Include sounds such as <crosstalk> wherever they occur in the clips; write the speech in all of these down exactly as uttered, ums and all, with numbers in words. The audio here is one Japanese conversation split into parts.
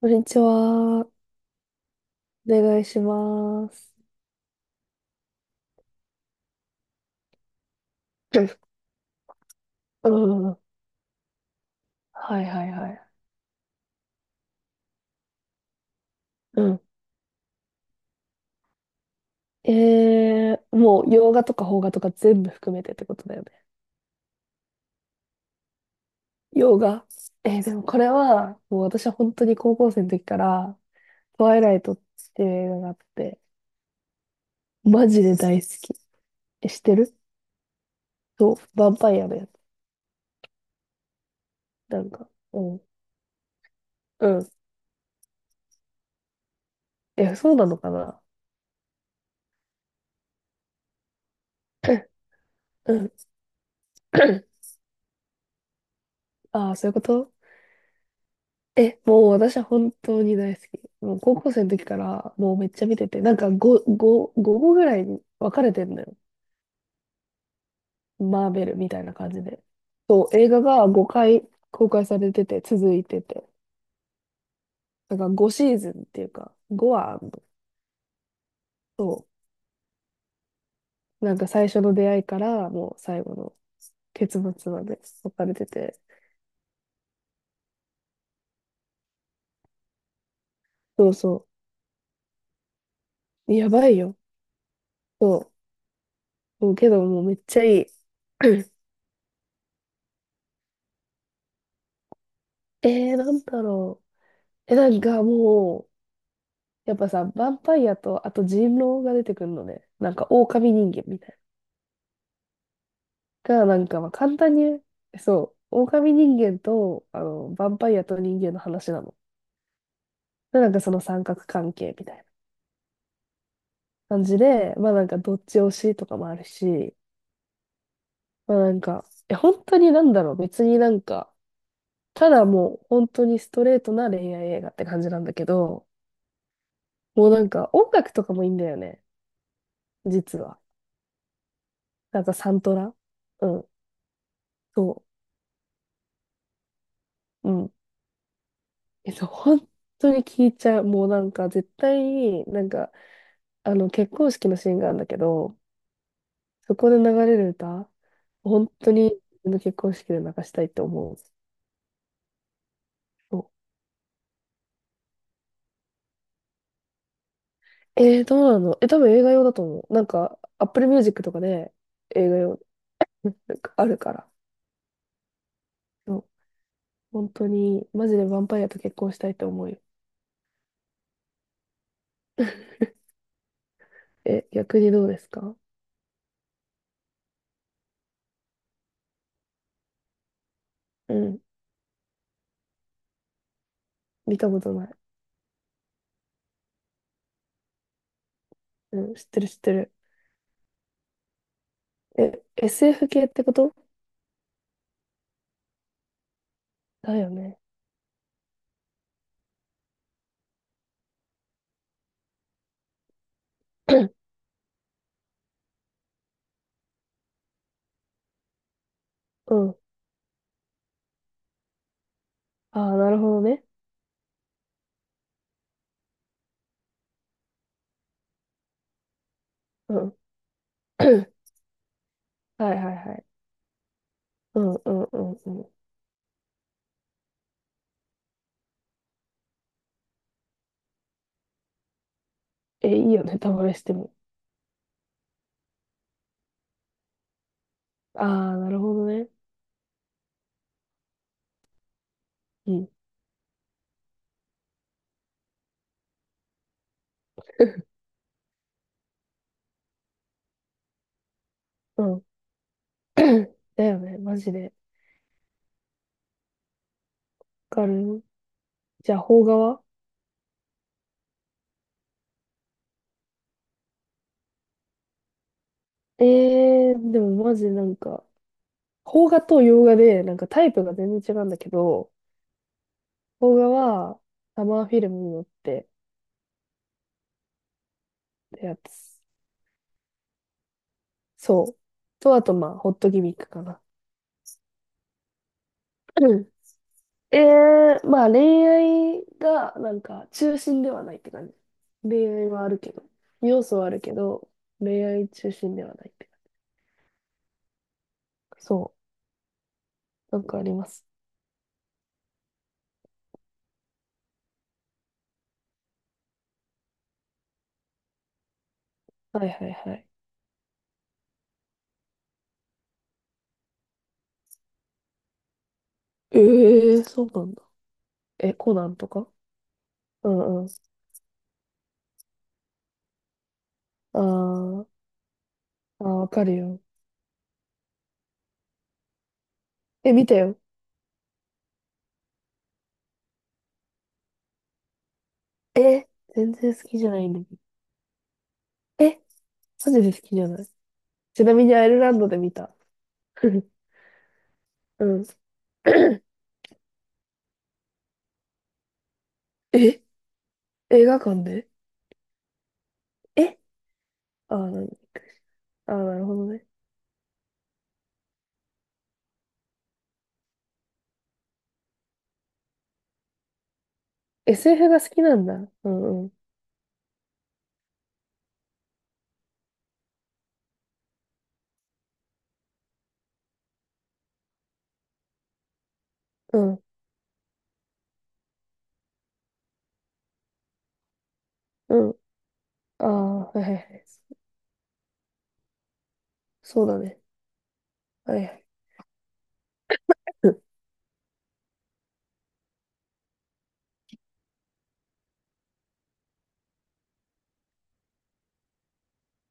こんにちは。お願いします。うん。うんはいはいはい。うん。えー、もう洋画とか邦画とか全部含めてってことだよね。洋画。えー、でもこれは、もう私は本当に高校生の時から、トワイライトっていう映画があって、マジで大好き。え、知ってる？そう、ヴァンパイアのやつ。なんか、うん。うん。え、そうなのかな？うん。<coughs> ああ、そういうこと？え、もう私は本当に大好き。もう高校生の時からもうめっちゃ見てて、なんかご、ご、ごこぐらいに分かれてんのよ。マーベルみたいな感じで。そう、映画がごかい公開されてて、続いてて。だからごシーズンっていうか、ごはあんの、そう。なんか最初の出会いからもう最後の結末まで分かれてて。そうそう。やばいよ。そう。そうけどもうめっちゃいい。<clears throat> えー、なんだろう。え、なんかもう、やっぱさ、ヴァンパイアと、あと人狼が出てくるのね。なんか、狼人間みたいな。が、なんか、まあ、簡単に、そう、狼人間と、あの、ヴァンパイアと人間の話なの。で、なんかその三角関係みたいな感じで、まあなんか、どっち推しとかもあるし、まあなんか、え、本当になんだろう、別になんか、ただもう、本当にストレートな恋愛映画って感じなんだけど、もうなんか、音楽とかもいいんだよね、実は。なんか、サントラ。うん、そう。うんえっと、そ本当に聞いちゃう。もうなんか絶対に、なんか、あの、結婚式のシーンがあるんだけど、そこで流れる歌、本当に自分の結婚式で流したいって思う。そう。えー、どうなの？え、多分映画用だと思う。なんか、Apple Music とかで映画用、なんかあるから。そう。本当に、マジでヴァンパイアと結婚したいって思うよ。え、逆にどうですか？うん。見たことない。うん、知ってる知ってる。え、エスエフ 系ってことだよね。<clears throat> うん。ああ、なるほどね。うん。<clears throat> はいはいはい。うんうんうんうん。え、いいよね、タバレしても。ああ、なるほどね。うん。うん。<clears throat> だよね、マジで。わかる。じゃあ、邦画は？えー、でもマジでなんか、邦画と洋画で、なんかタイプが全然違うんだけど、邦画は、サマーフィルムに乗ってってやつ。そう。と、あと、まあ、ホットギミックかな。<clears throat> ええ、まあ恋愛がなんか中心ではないって感じ。恋愛はあるけど、要素はあるけど、恋愛中心ではないって感じ。そう、なんかあります。はいはいはい。ええ、そうなんだ。え、コナンとか？うんうん。あーあー、わかるよ。え、見たよ。え、全然好きじゃないんだけど。え、マジで好きじゃない。ちなみにアイルランドで見た。<laughs> うん。え、映画館で？え、ああー、なに？ああー、なるほどね。エスエフ が好きなんだ。うんうん。うん。うん。ああ、はいはいはい。そうだね。はいはい。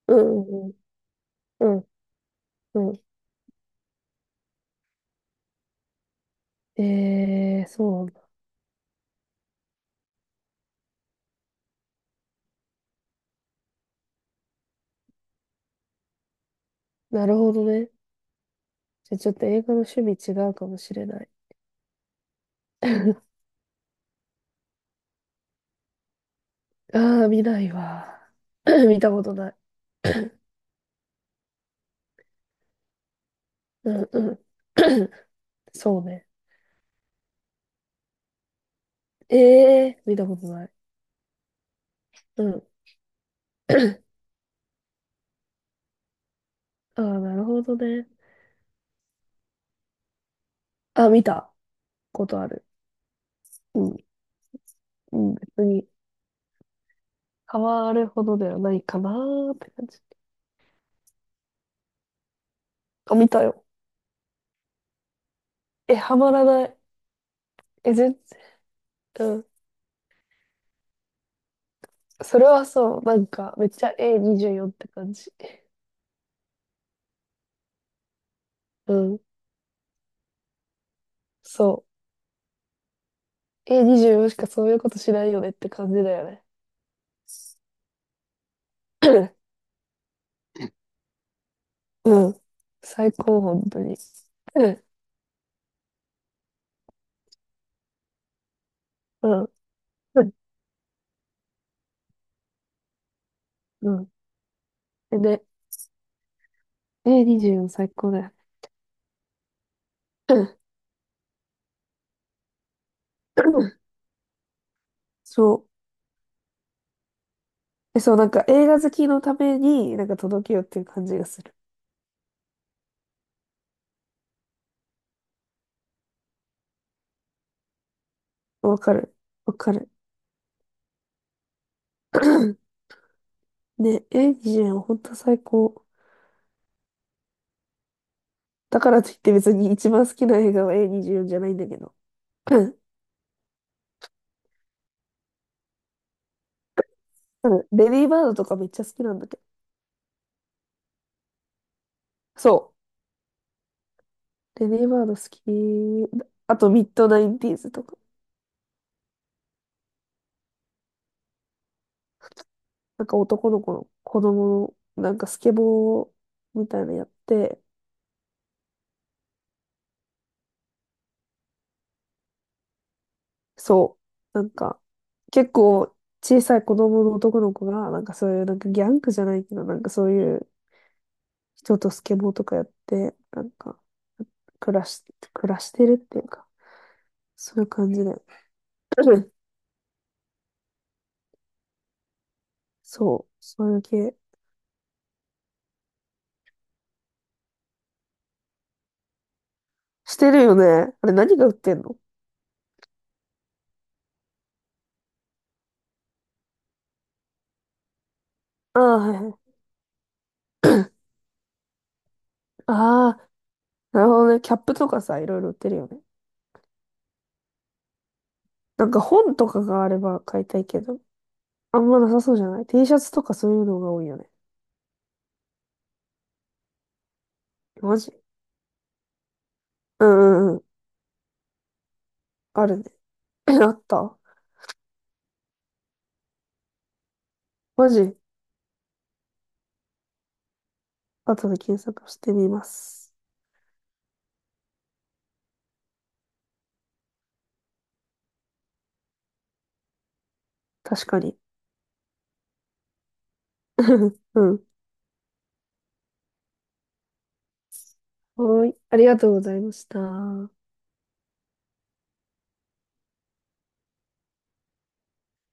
うんうんうん。うんうん。えー、そうなんだ。なるほどね。じゃあちょっと映画の趣味違うかもしれない。ああ、見ないわ。<coughs> <clears throat> 見たことない。うんうん。<coughs> <clears throat> そうね。ええー、見たことない。うん。ああ、なるほどね。あ、見たことある。うん。うん、別に、ハマるほどではないかなーって感じ。あ、見たよ。え、ハマらない。え、全然、うん。それはそう、なんか、めっちゃ エーにじゅうよん って感じ。うん、そう。エーにじゅうよん しかそういうことしないよねって感じだよね。<coughs> うん。最高、本当に。うん、うん、うん。うん、で、エーにじゅうよん 最高だよ。<coughs> うん、そう。え、そう、なんか映画好きのために、なんか届けようっていう感じがする。わかる。わかる。ね、エーにじゅうよん 本当最高。だからといって別に一番好きな映画は エーにじゅうよん じゅうよんじゃないんだけど。<coughs> 多分レディーバードとかめっちゃ好きなんだけど。そう。レディーバード好き。あと、ミッドナインティーズとか。なんか男の子の子供の、なんかスケボーみたいなのやって、そう。なんか、結構小さい子供の男の子が、なんかそういう、なんかギャングじゃないけど、なんかそういう人とスケボーとかやって、なんか、暮らし、暮らしてるっていうか、そういう感じで。<laughs> <clears throat> そう。そういう系。してるよね。あれ何が売ってんの？ああー、はいはい。ああ、なるほどね。キャップとかさ、いろいろ売ってるよね。なんか本とかがあれば買いたいけど、あんまなさそうじゃない？ T シャツとかそういうのが多いよね。マジ？うんうんうん。あるね。<laughs> あった？マジ、後で検索してみます。確かに。<laughs> うん。はーい。ありがとうございました。